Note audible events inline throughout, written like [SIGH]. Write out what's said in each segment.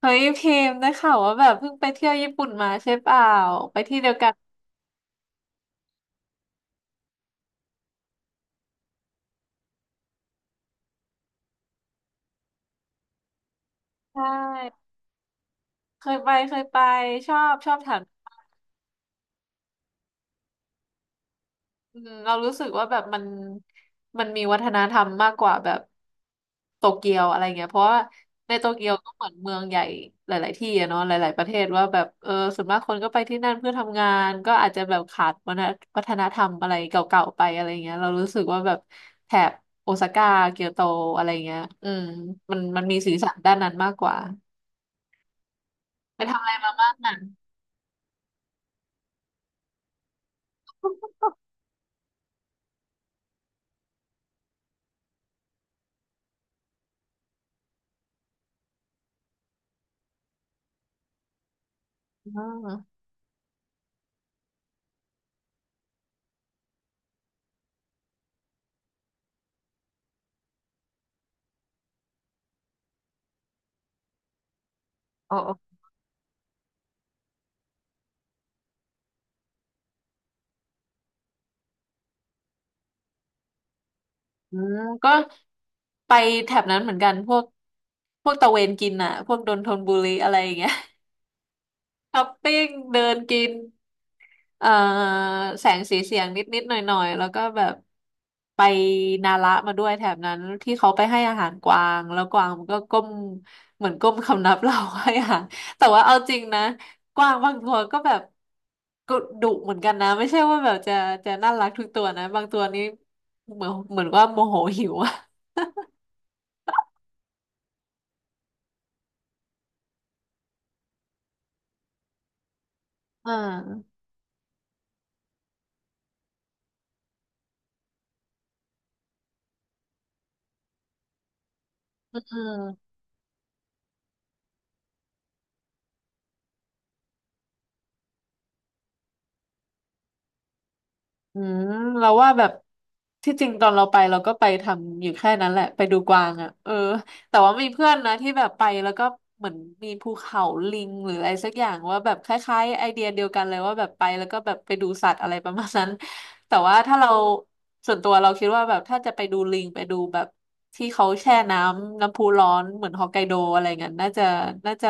เฮ้ยพิมพ์ได้ข่าวว่าแบบเพิ่งไปเที่ยวญี่ปุ่นมาใช่เปล่าไปที่เดียวกันใช่เคยไปชอบแถว อืมเรารู้สึกว่าแบบมันมีวัฒนธรรมมากกว่าแบบโตเกียวอะไรเงี้ยเพราะว่าในโตเกียวก็เหมือนเมืองใหญ่หลายๆที่อะเนาะหลายๆประเทศว่าแบบเออส่วนมากคนก็ไปที่นั่นเพื่อทำงานก็อาจจะแบบขาดวัฒนธรรมอะไรเก่าๆไปอะไรเงี้ยเรารู้สึกว่าแบบแถบโอซาก้าเกียวโตอะไรเงี้ยอืมมันมีสีสันด้านนั้นมากกว่าไปทำอะไรมาบ้างอ่ะอ๋อ อืมก็ไปแถบนั้นเหมือนกันพวกตะเวนกินอ่ะพวกดนทนบุรีอะไรอย่างเงี้ย [LAUGHS] ช้อปปิ้งเดินกินเอ่อแสงสีเสียงนิดนิดหน่อยหน่อยๆแล้วก็แบบไปนาระมาด้วยแถบนั้นที่เขาไปให้อาหารกวางแล้วกวางมันก็ก้มเหมือนก้มคำนับเราให้อาหาร [LAUGHS] แต่ว่าเอาจริงนะกวางบางตัวก็แบบก็ดุเหมือนกันนะไม่ใช่ว่าแบบจะน่ารักทุกตัวนะบางตัวนี้เหมือนว่าโมโหหิวอะ อ่าอืมอืมเราว่าแบบที่จริงตอนเราไปเราก็ไปทำอยู่แค่นั้นแหละไปดูกวางอ่ะเออ แต่ว่ามีเพื่อนนะที่แบบไปแล้วก็เหมือนมีภูเขาลิงหรืออะไรสักอย่างว่าแบบคล้ายๆไอเดียเดียวกันเลยว่าแบบไปแล้วก็แบบไปดูสัตว์อะไรประมาณนั้น [LAUGHS] แต่ว่าถ้าเราส่วนตัวเราคิดว่าแบบถ้าจะไปดูลิงไปดูแบบที่เขาแช่น้ำพุร้อนเหมือนฮอกไกโดอะไรเงี้ยน่าจะน่าจะ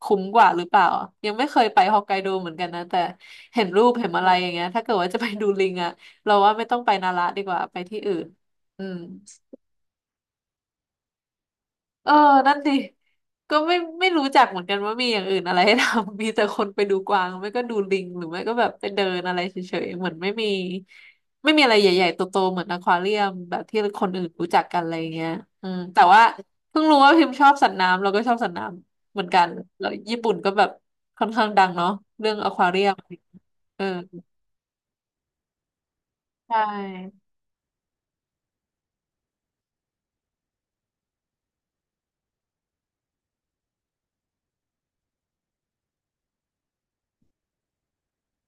คุ้มกว่าหรือเปล่ายังไม่เคยไปฮอกไกโดเหมือนกันนะแต่เห็นรูปเห็นอะไรอย่างเงี้ยถ้าเกิดว่าจะไปดูลิงอะเราว่าไม่ต้องไปนาระดีกว่าไปที่อื่นอืม เออนั่นดิก็ไม่รู้จักเหมือนกันว่ามีอย่างอื่นอะไรให้ทำ [LAUGHS] มีแต่คนไปดูกวางไม่ก็ดูลิงหรือไม่ก็แบบไปเดินอะไรเฉยๆเหมือนไม่มีอะไรใหญ่ๆโตๆเหมือนอควาเรียมแบบที่คนอื่นรู้จักกันอะไรเงี้ยอืมแต่ว่าเพิ่งรู้ว่าพิมพ์ชอบสัตว์น้ำเราก็ชอบสัตว์น้ำเหมือนกันแล้วญี่ปุ่นก็แบบค่อนข้างดังเนาะเรื่องอควาเรียมเออใช่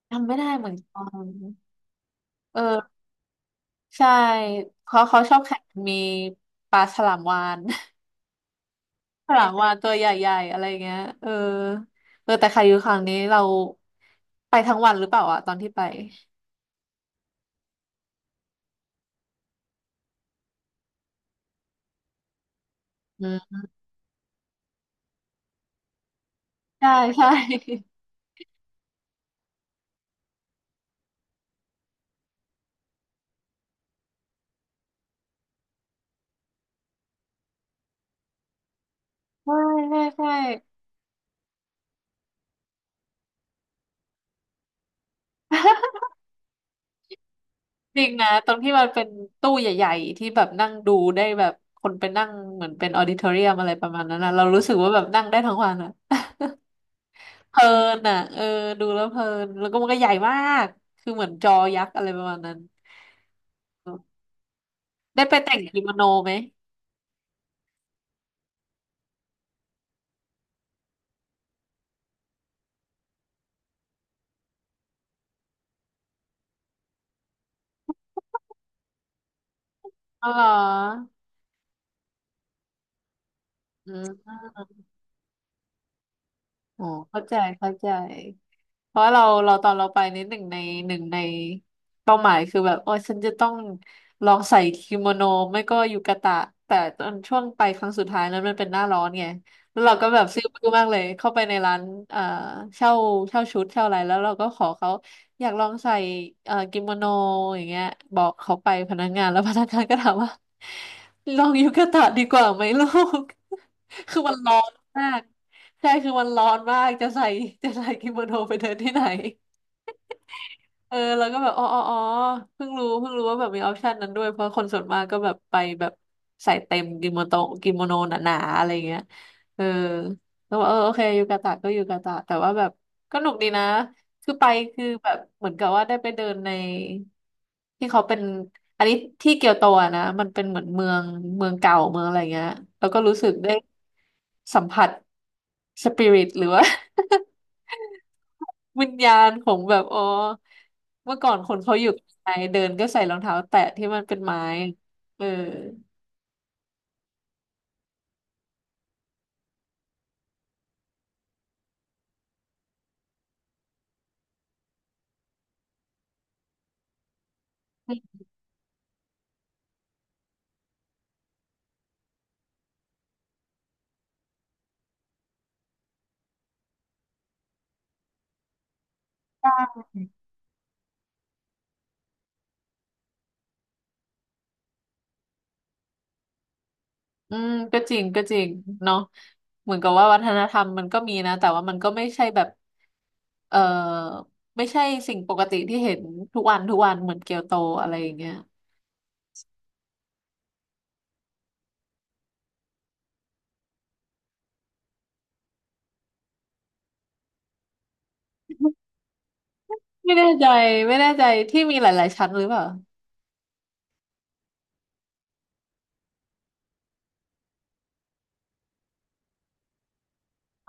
ทำไม่ได้เหมือนกันเออใช่เขาชอบแข่งมีปลาฉลามวาฬ ฉลามวาฬตัวใหญ่ๆอะไรเงี้ยเออเออแต่คายูครั้งนี้เราไปทั้งวันหรือเปล่าอะตอนที่ไปอืมใช่ใช่ [LAUGHS] ใช่ใช่ใช่จริงนะตรงที่มันเป็นตู้ใหญ่ๆที่แบบนั่งดูได้แบบคนไปนั่งเหมือนเป็นออดิทอเรียมอะไรประมาณนั้นนะเรารู้สึกว่าแบบนั่งได้ทั้งวันอะ [LAUGHS] เพลินอ่ะเออดูแล้วเพลินแล้วก็มันก็ใหญ่มากคือเหมือนจอยักษ์อะไรประมาณนั้นได้ไปแต่งกิโมโนไหมอ๋อเหรออืม อ๋อเข้าใจเข้าใจเพราะเราตอนเราไปนิดหนึ่งในหนึ่งในเป้าหมายคือแบบโอ้ยฉันจะต้องลองใส่กิโมโนไม่ก็ยูกาตะแต่ตอนช่วงไปครั้งสุดท้ายนั้นมันเป็นหน้าร้อนไงแล้วเราก็แบบซื้อบื้อมากเลยเข้าไปในร้านเอ่อเช่าชุดเช่าอะไรแล้วเราก็ขอเขาอยากลองใส่กิโมโนอย่างเงี้ยบอกเขาไปพนักงานแล้วพนักงานก็ถามว่าลองยูกาตะดีกว่าไหมลูก [LAUGHS] คือมันร้อนมาก ใช่คือมันร้อนมากจะใส่กิโมโนไปเดินที่ไหน เออแล้วก็แบบอ๋อเพิ่งรู้ว่าแบบมีออปชันนั้นด้วยเพราะคนส่วนมากก็แบบไปแบบใส่เต็มกิโมโนหนาๆอะไรเงี้ยเออแล้วบอกเออโอเคยูกาตะก็ยูกาตะแต่ว่าแบบก็หนุกดีนะคือไปคือแบบเหมือนกับว่าได้ไปเดินในที่เขาเป็นอันนี้ที่เกียวโตอะนะมันเป็นเหมือนเมืองเก่าเมืองอะไรเงี้ยแล้วก็รู้สึกได้สัมผัสสปิริตหรือว่า [LAUGHS] วิญญาณของแบบอ๋อเมื่อก่อนคนเขาอยู่ไทเดินก็ใส่รองเท้าแตะที่มันเป็นไม้เอออืมก็จริงก็จริงเนาะเหมือนกับว่าวัฒนธรรมมันก็มีนะแต่ว่ามันก็ไม่ใช่แบบเออไม่ใช่สิ่งปกติที่เห็นทุกวันทุกวันเหมือนเกียวโตอะไรอย่างเงี้ยไม่แน่ใจไม่แน่ใจที่มีหลายๆชั้นหรือเปล่า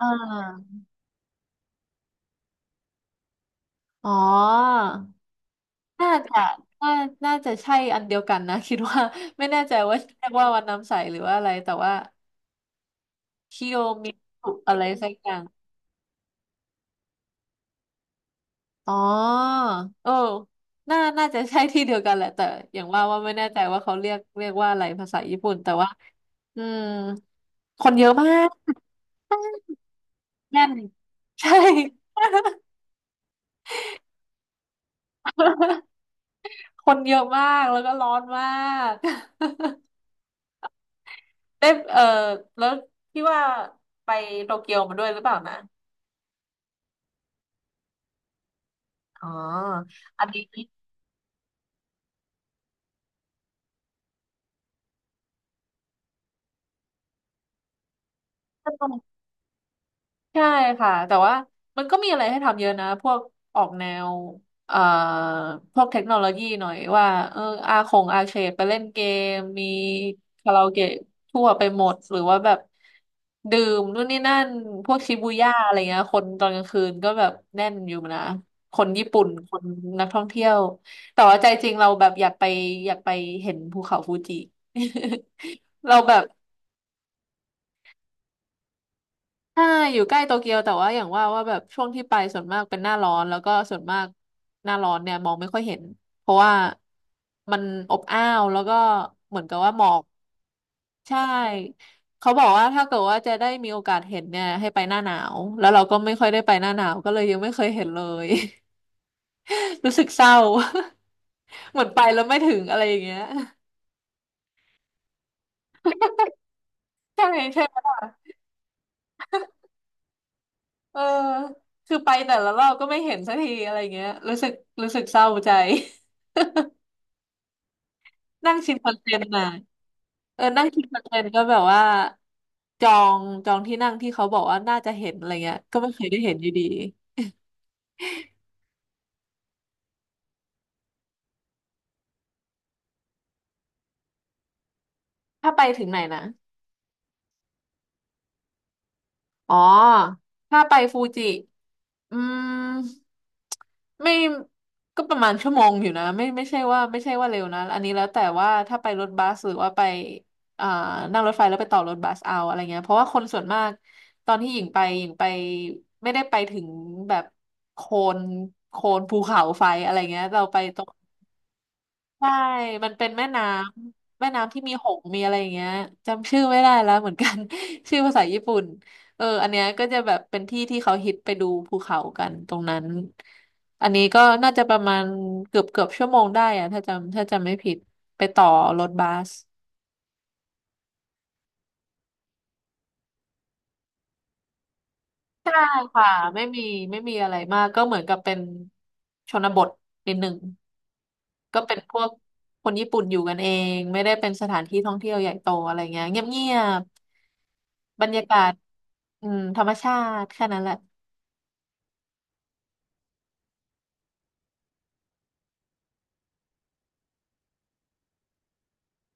อ่าอ๋อ น่าจะน่าน่าจะใช่อันเดียวกันนะ [LAUGHS] คิดว่า [LAUGHS] ไม่แน่ใจว่าเรียกว่าวันน้ำใสหรือว่าอะไรแต่ว่าคิโยมิสุอะไรสักอย่างอ๋อเออน่าจะใช่ที่เดียวกันแหละแต่อย่างว่าว่าไม่แน่ใจว่าเขาเรียกว่าอะไรภาษาญี่ปุ่นแต่ว่าอืมคนเยอะมากแน่น [LAUGHS] ใช่ [LAUGHS] คนเยอะมากแล้วก็ร้อนมาก [LAUGHS] ได้เออแล้วพี่ว่าไปโตเกียวมาด้วยหรือเปล่านะอ๋ออันนี้ ใช่ค่ะแต่ว่ามันก็มีอะไรให้ทำเยอะนะพวกออกแนวเอ่อพวกเทคโนโลยีหน่อยว่าเอออาคงอาเคดไปเล่นเกมมีคาราโอเกะทั่วไปหมดหรือว่าแบบดื่มนู่นนี่นั่นพวกชิบูย่าอะไรเงี้ยคนตอนกลางคืนก็แบบแน่นอยู่นะคนญี่ปุ่นคนนักท่องเที่ยวแต่ว่าใจจริงเราแบบอยากไปอยากไปเห็นภูเขาฟูจิ [LAUGHS] เราแบบ ใช่อยู่ใกล้โตเกียวแต่ว่าอย่างว่าว่าแบบช่วงที่ไปส่วนมากเป็นหน้าร้อนแล้วก็ส่วนมากหน้าร้อนเนี่ยมองไม่ค่อยเห็นเพราะว่ามันอบอ้าวแล้วก็เหมือนกับว่าหมอกใช่เขาบอกว่าถ้าเกิดว่าจะได้มีโอกาสเห็นเนี่ยให้ไปหน้าหนาวแล้วเราก็ไม่ค่อยได้ไปหน้าหนาวก็เลยยังไม่เคยเห็นเลย [LAUGHS] รู้สึกเศร้า [LAUGHS] เหมือนไปแล้วไม่ถึงอะไรอย่างเงี้ยใช่ใช่ไหมล่ะเออคือไปแต่ละรอบก็ไม่เห็นสักทีอะไรเงี้ยรู้สึกรู้สึกเศร้าใจ [LAUGHS] นั่งชินคอนเทนต์น่ะ เออนั่งคิดเหมือนกันก็แบบว่าจอจองที่นั่งที่เขาบอกว่าน่าจะเห็นอะไรเงี้ย ก็ไม่เคยได้เห็นอยู่ดี [LAUGHS] ถ้าไปถึงไหนนะ อ๋อ ถ้าไปฟูจิ อืม ไม่ ก็ประมาณชั่วโมงอยู่นะไม่ใช่ว่าไม่ใช่ว่าเร็วนะ อันนี้แล้วแต่ว่าถ้าไปรถบัสหรือว่าไปอ่านั่งรถไฟแล้วไปต่อรถบัสเอาอะไรเงี้ย เพราะว่าคนส่วนมากตอนที่หญิงไป หญิงไปไม่ได้ไปถึงแบบโคนโคนภูเขาไฟอะไรเงี้ย เราไปตรง ใช่มันเป็นแม่น้ำที่มีหงส์มีอะไรอย่างเงี้ยจำชื่อไม่ได้แล้วเหมือนกัน [LAUGHS] ชื่อภาษาญี่ปุ่นเอออันเนี้ยก็จะแบบเป็นที่ที่เขาฮิตไปดูภูเขากันตรงนั้นอันนี้ก็น่าจะประมาณเกือบชั่วโมงได้อะถ้าจำไม่ผิดไปต่อรถบัสใช่ค่ะไม่มีไม่มีอะไรมากก็เหมือนกับเป็นชนบทนิดหนึ่งก็เป็นพวกคนญี่ปุ่นอยู่กันเองไม่ได้เป็นสถานที่ท่องเที่ยวใหญ่โตอะไรเงี้ยเงียบ บรรยากาศอืมธรรมชาติแค่นั้นแหละ [LAUGHS]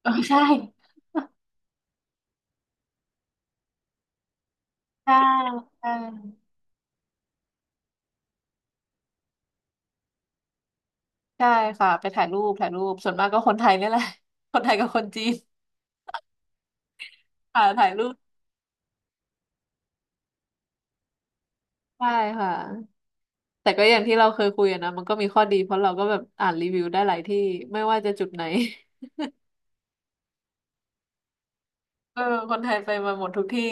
เออใช่ใช่ใช่ใช่ค่ะไปถ่ายรูปถ่ายรูปส่วนมากก็คนไทยนี่แหละ [LAUGHS] คนไทยกับคนจีนค่ะถ่ายรูปใช่ค่ะแต่ก็อย่างที่เราเคยคุยอะนะมันก็มีข้อดีเพราะเราก็แบบอ่านรีวิวได้หลายที่ไม่ว่าจะจุดไหนเออคนไทยไปมาหมดทุกที่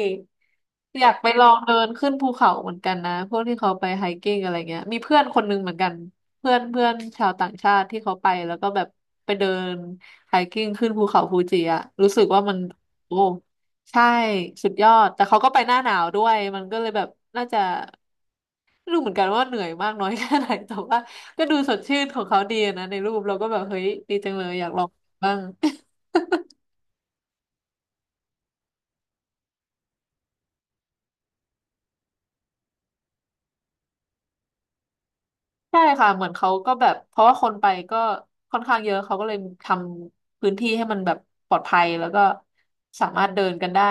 อยากไปลองเดินขึ้นภูเขาเหมือนกันนะพวกที่เขาไปไฮกิ้งอะไรเงี้ยมีเพื่อนคนหนึงเหมือนกันเพื่อนเพื่อนชาวต่างชาติที่เขาไปแล้วก็แบบไปเดินไฮกิ้งขึ้นภูเขาฟูจิอะรู้สึกว่ามันโอ้ใช่สุดยอดแต่เขาก็ไปหน้าหนาวด้วยมันก็เลยแบบน่าจะไม่รู้เหมือนกันว่าเหนื่อยมากน้อยแค่ไหนแต่ว่าก็ดูสดชื่นของเขาดีอะนะในรูปเราก็แบบเฮ้ยดีจังเลยอยากลองบ้าง ใช่ค่ะเหมือนเขาก็แบบเพราะว่าคนไปก็ค่อนข้างเยอะเขาก็เลยทำพื้นที่ให้มันแบบปลอดภัยแล้วก็สามารถเดินกันได้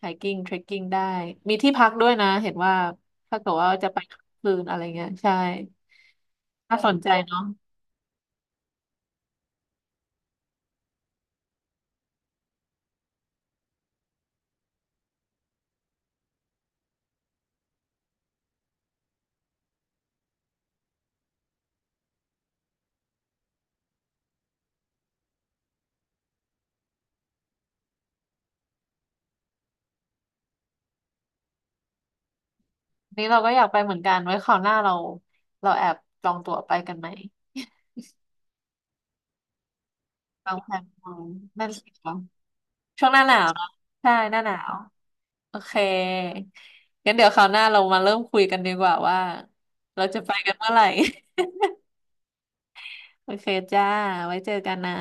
ไฮกิ้งเทรคกิ้งได้มีที่พักด้วยนะเห็นว่าถ้าเกิดว่าจะไปคืนอะไรเงี้ยใช่น่าสนใจเนาะอันนี้เราก็อยากไปเหมือนกันไว้คราวหน้าเราเราแอบจองตั๋วไปกันไหมวางแผนไว้นั่นสิคะช่วงหน้าหนาวเนอะใช่หน้าหนาว โอเคงั้นเดี๋ยวคราวหน้าเรามาเริ่มคุยกันดีกว่าว่าเราจะไปกันเมื่อไหร่ [LAUGHS] โอเคจ้าไว้เจอกันนะ